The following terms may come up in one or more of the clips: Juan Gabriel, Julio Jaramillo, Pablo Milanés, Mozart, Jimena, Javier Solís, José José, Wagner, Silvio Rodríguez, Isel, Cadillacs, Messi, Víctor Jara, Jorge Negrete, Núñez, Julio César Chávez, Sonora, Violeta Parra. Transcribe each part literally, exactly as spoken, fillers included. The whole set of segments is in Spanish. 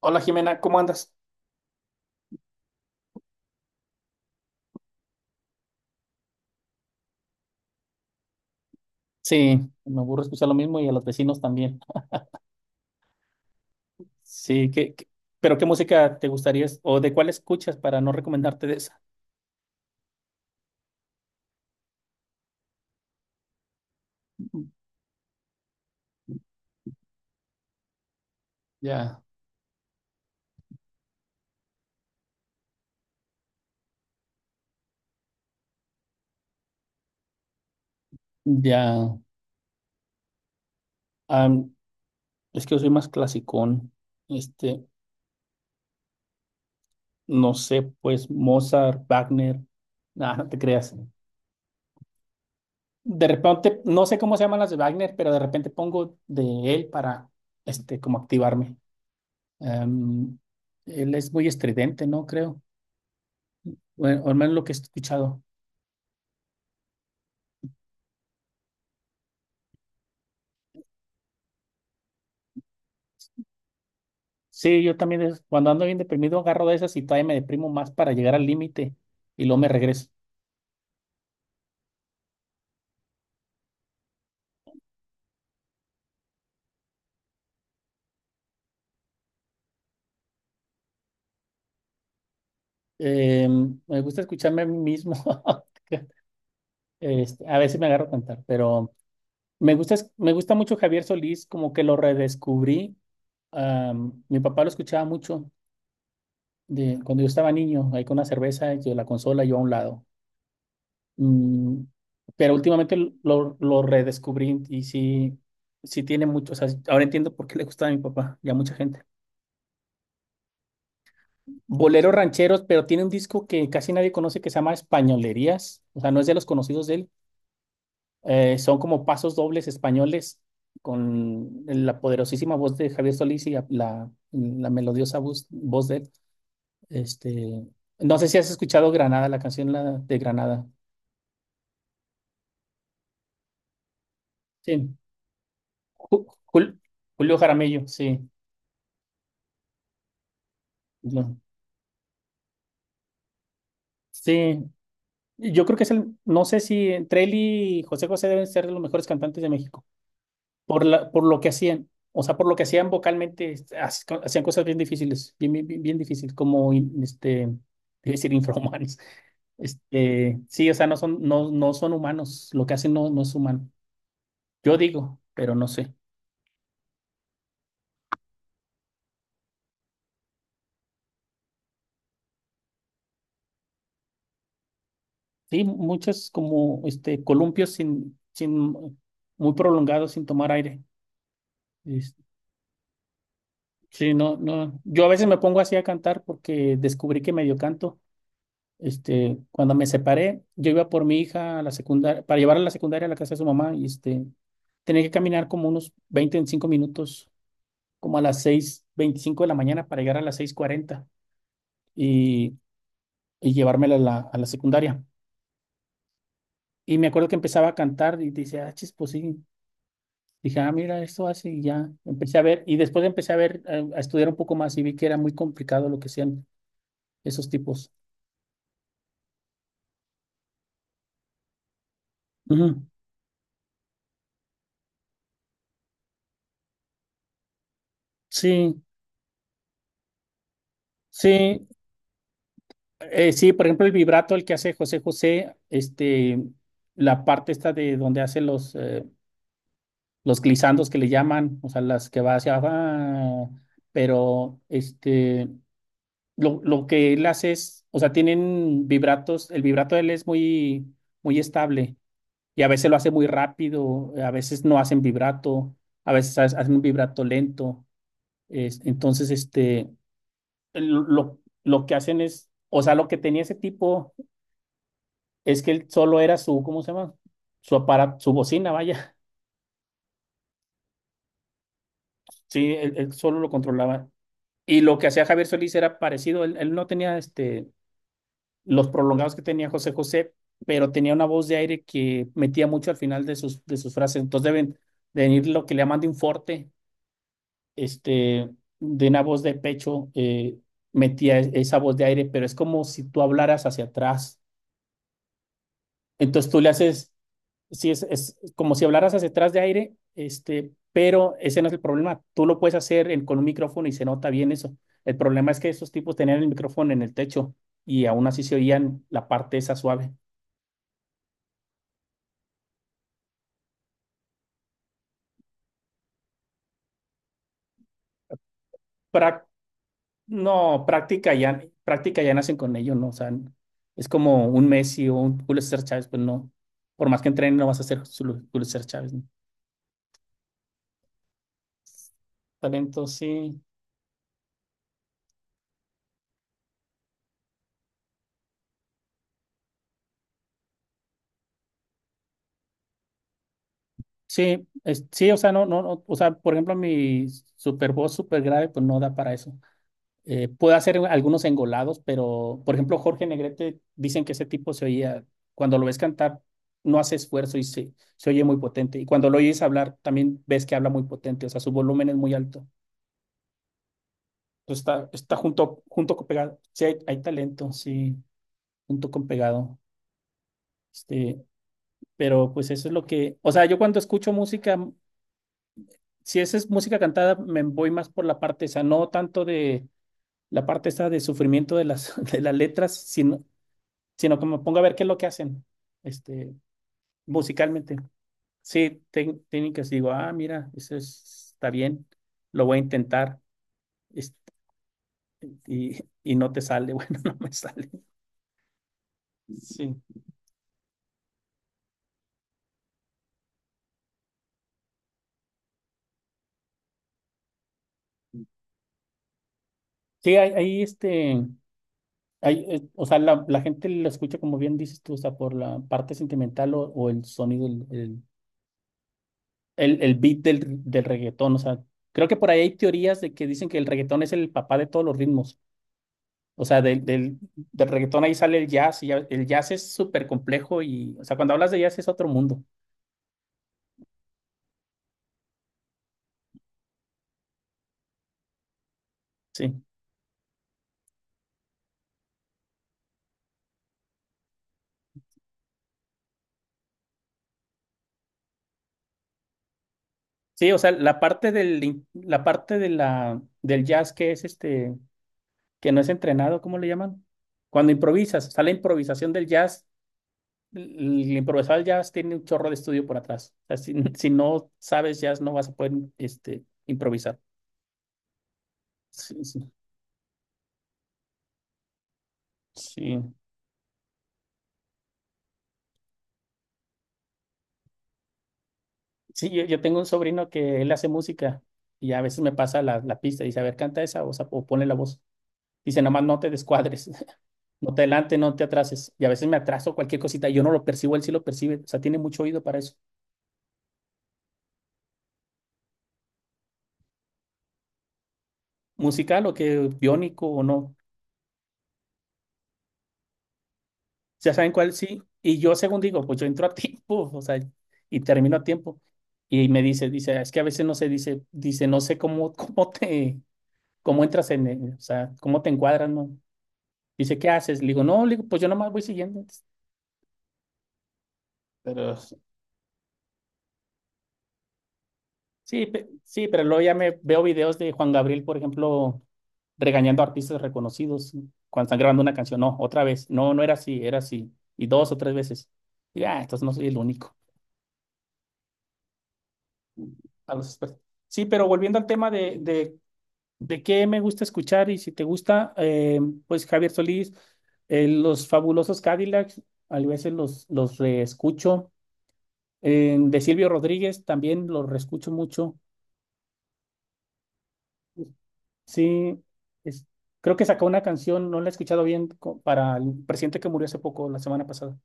Hola Jimena, ¿cómo andas? Sí, me aburre escuchar lo mismo y a los vecinos también. Sí, ¿qué, qué- pero qué música te gustaría es- o de cuál escuchas para no recomendarte de esa? Ya, ya. Am, es que yo soy más clasicón. Este, no sé, pues Mozart, Wagner. Nah, no te creas. De repente, no sé cómo se llaman las de Wagner, pero de repente pongo de él para, este, como activarme. Am, él es muy estridente, ¿no? Creo. Bueno, al menos lo que he escuchado. Sí, yo también es- cuando ando bien deprimido agarro de esas y todavía me deprimo más para llegar al límite y luego me regreso. Eh, me gusta escucharme a mí mismo. Este, a veces me agarro a cantar, pero me gusta, es- me gusta mucho Javier Solís, como que lo redescubrí. Am, mi papá lo escuchaba mucho de, cuando yo estaba niño, ahí con una cerveza, yo la consola, yo a un lado. Mm, pero últimamente lo, lo redescubrí y sí, sí tiene mucho, o sea, ahora entiendo por qué le gustaba a mi papá y a mucha gente. Boleros rancheros, pero tiene un disco que casi nadie conoce que se llama Españolerías, o sea, no es de los conocidos de él. Eh, son como pasos dobles españoles con la poderosísima voz de Javier Solís y la, la- la melodiosa voz, voz de él. Este, no sé si has escuchado Granada, la canción la de Granada. Sí, Ju- Jul- Julio Jaramillo, sí. Lo- Sí, yo creo que es el, no sé si entre él y José José deben ser de los mejores cantantes de México. por la, por lo que hacían, o sea, por lo que hacían vocalmente, hac- hacían cosas bien difíciles, bien, bien, bien, bien difíciles, como in- este, iba a decir infrahumanos. Este, sí, o sea, no son, no, no son humanos, lo que hacen no, no es humano. Yo digo, pero no sé. Sí, muchas como este columpios sin, sin muy prolongados, sin tomar aire. Es- Sí, no, no. Yo a veces me pongo así a cantar porque descubrí que medio canto. Este, cuando me separé, yo iba por mi hija a la secundaria, para llevarla a la secundaria a la casa de su mamá, y este, tenía que caminar como unos veinte, veinticinco minutos, como a las seis veinticinco de la mañana para llegar a las seis cuarenta y, y llevármela a la, a la secundaria. Y me acuerdo que empezaba a cantar y dice, ah, chis, pues sí. Dije, ah, mira, esto hace y ya. Empecé a ver, y después empecé a ver, eh, a, estudiar un poco más y vi que era muy complicado lo que hacían esos tipos. Ujú. Sí, sí. Eh, sí, por ejemplo, el vibrato, el que hace José José, este, la parte esta de donde hace los, eh, los glisandos que le llaman, o sea, las que va hacia abajo, pero este, lo, lo que él hace es, o sea, tienen vibratos, el vibrato de él es muy, muy estable y a veces lo hace muy rápido, a veces no hacen vibrato, a veces ha- hacen un vibrato lento, es- entonces, este, lo, lo que hacen es, o sea, lo que tenía ese tipo. Es que él solo era su, ¿cómo se llama? Su aparato, su bocina, vaya. Sí, él, él solo lo controlaba. Y lo que hacía Javier Solís era parecido. Él, él no tenía este, los prolongados que tenía José José, pero tenía una voz de aire que metía mucho al final de sus, de sus frases. Entonces deben de venir lo que le llaman de un forte, este, de una voz de pecho, eh, metía e- esa voz de aire, pero es como si tú hablaras hacia atrás. Entonces tú le haces, sí, es, es como si hablaras hacia atrás de aire, este, pero ese no es el problema. Tú lo puedes hacer en- con un micrófono y se nota bien eso. El problema es que esos tipos tenían el micrófono en el techo y aún así se oían la parte esa suave. Prac- no, práctica ya, práctica ya nacen con ello, ¿no? O sea, es como un Messi o un Julio César Chávez, pues no. Por más que entrenen, no vas a ser Julio César Chávez, ¿no? Talento, sí. Sí, es- sí, o sea, no, no, no, o sea, por ejemplo, mi super voz super grave, pues no da para eso. Eh, puedo hacer algunos engolados, pero, por ejemplo, Jorge Negrete, dicen que ese tipo se oía, cuando lo ves cantar, no hace esfuerzo y se, se oye muy potente. Y cuando lo oyes hablar, también ves que habla muy potente, o sea, su volumen es muy alto. Entonces, está, está junto, junto con pegado. Sí, hay, hay talento, sí, junto con pegado. Este, pero pues eso es lo que, o sea, yo cuando escucho música, si esa es música cantada, me voy más por la parte esa, no tanto de la parte esta de sufrimiento de las, de las letras, sino, sino que me ponga a ver qué es lo que hacen, este, musicalmente. Sí, tec- técnicas, digo, ah, mira, eso es- está bien, lo voy a intentar, este, y, y no te sale, bueno, no me sale. Sí, sí, ahí, ahí, este, hay, eh, o sea, la, la gente lo escucha como bien dices tú, o sea, por la parte sentimental o, o, el sonido, el, el, el beat del, del reggaetón. O sea, creo que por ahí hay teorías de que dicen que el reggaetón es el papá de todos los ritmos. O sea, del, del, del reggaetón ahí sale el jazz y ya- el jazz es súper complejo y, o sea, cuando hablas de jazz es otro mundo. Sí. Sí, o sea, la parte del, in- la parte de la, del jazz que es este, que no es entrenado, ¿cómo le llaman? Cuando improvisas, o sea, la improvisación del jazz, el, improvisado del jazz tiene un chorro de estudio por atrás. O sea, si, si no sabes jazz, no vas a poder, este, improvisar. Sí, sí. Sí, sí, yo, yo tengo un sobrino que él hace música y a veces me pasa la, la pista y dice, a ver, canta esa o, sea, o ponle la voz. Dice, nomás no te descuadres, no te adelante, no te atrases. Y a veces me atraso cualquier cosita y yo no lo percibo, él sí lo percibe. O sea, tiene mucho oído para eso. Musical o que biónico o no. Ya saben cuál sí. Y yo, según digo, pues yo entro a tiempo, o sea, y termino a tiempo. Y me dice, dice, es que a veces no sé, dice, dice, no sé cómo, cómo te, cómo entras en, el- o sea, cómo te encuadras, ¿no? Dice, ¿qué haces? Le digo, no, le digo, pues yo nomás voy siguiendo. Pero sí, pe- sí, pero luego ya me veo videos de Juan Gabriel, por ejemplo, regañando a artistas reconocidos, ¿no? Cuando están grabando una canción. No, otra vez. No, no era así, era así. Y dos o tres veces. Y ah, entonces no soy el único. A los expertos. Sí, pero volviendo al tema de, de, de qué me gusta escuchar y si te gusta, eh, pues Javier Solís, eh, los fabulosos Cadillacs, a veces los, los reescucho. Eh, de Silvio Rodríguez también los reescucho mucho. Sí, es- creo que sacó una canción, no la he escuchado bien, co- para el presidente que murió hace poco, la semana pasada.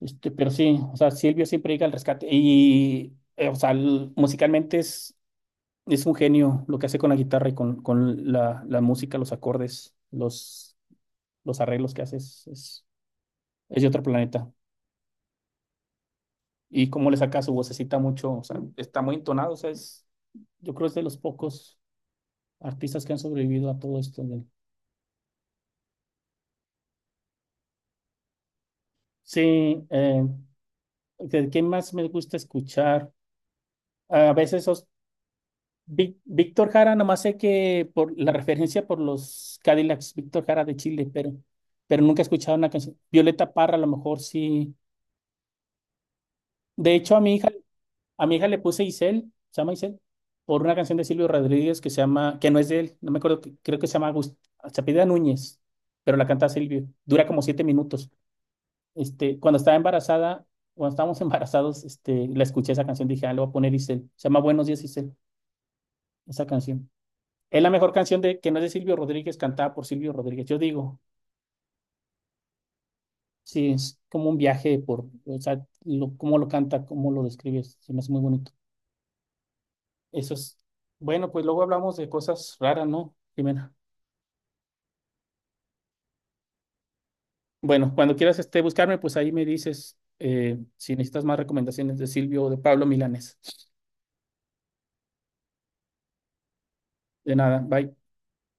Este, pero sí, o sea, Silvio siempre llega al rescate. Y, eh, o sea, l- musicalmente es, es un genio lo que hace con la guitarra y con, con la, la música, los acordes, los, los arreglos que hace, es, es, es de otro planeta. Y cómo le saca su vocecita mucho, o sea, está muy entonado, o sea, es, yo creo que es de los pocos artistas que han sobrevivido a todo esto. del- Sí, eh, ¿de qué más me gusta escuchar? A veces esos- Vic- Víctor Jara, nomás sé que por la referencia por los Cadillacs, Víctor Jara de Chile, pero, pero nunca he escuchado una canción. Violeta Parra, a lo mejor sí. De hecho, a mi hija, a mi hija le puse Isel, se llama Isel, por una canción de Silvio Rodríguez que se llama, que no es de él, no me acuerdo, que- creo que se llama Agust- se apellida Núñez, pero la canta Silvio. Dura como siete minutos. Este, cuando estaba embarazada, cuando estábamos embarazados, este, la escuché esa canción, dije, ah, le voy a poner Isel. Se llama Buenos días, Isel. Esa canción. Es la mejor canción de que no es de Silvio Rodríguez, cantada por Silvio Rodríguez. Yo digo, sí, es como un viaje por, o sea, lo- cómo lo canta, cómo lo describes, se me hace muy bonito. Eso es. Bueno, pues luego hablamos de cosas raras, ¿no, Jimena? Bueno, cuando quieras este, buscarme, pues ahí me dices, eh, si necesitas más recomendaciones de Silvio o de Pablo Milanés. De nada, bye.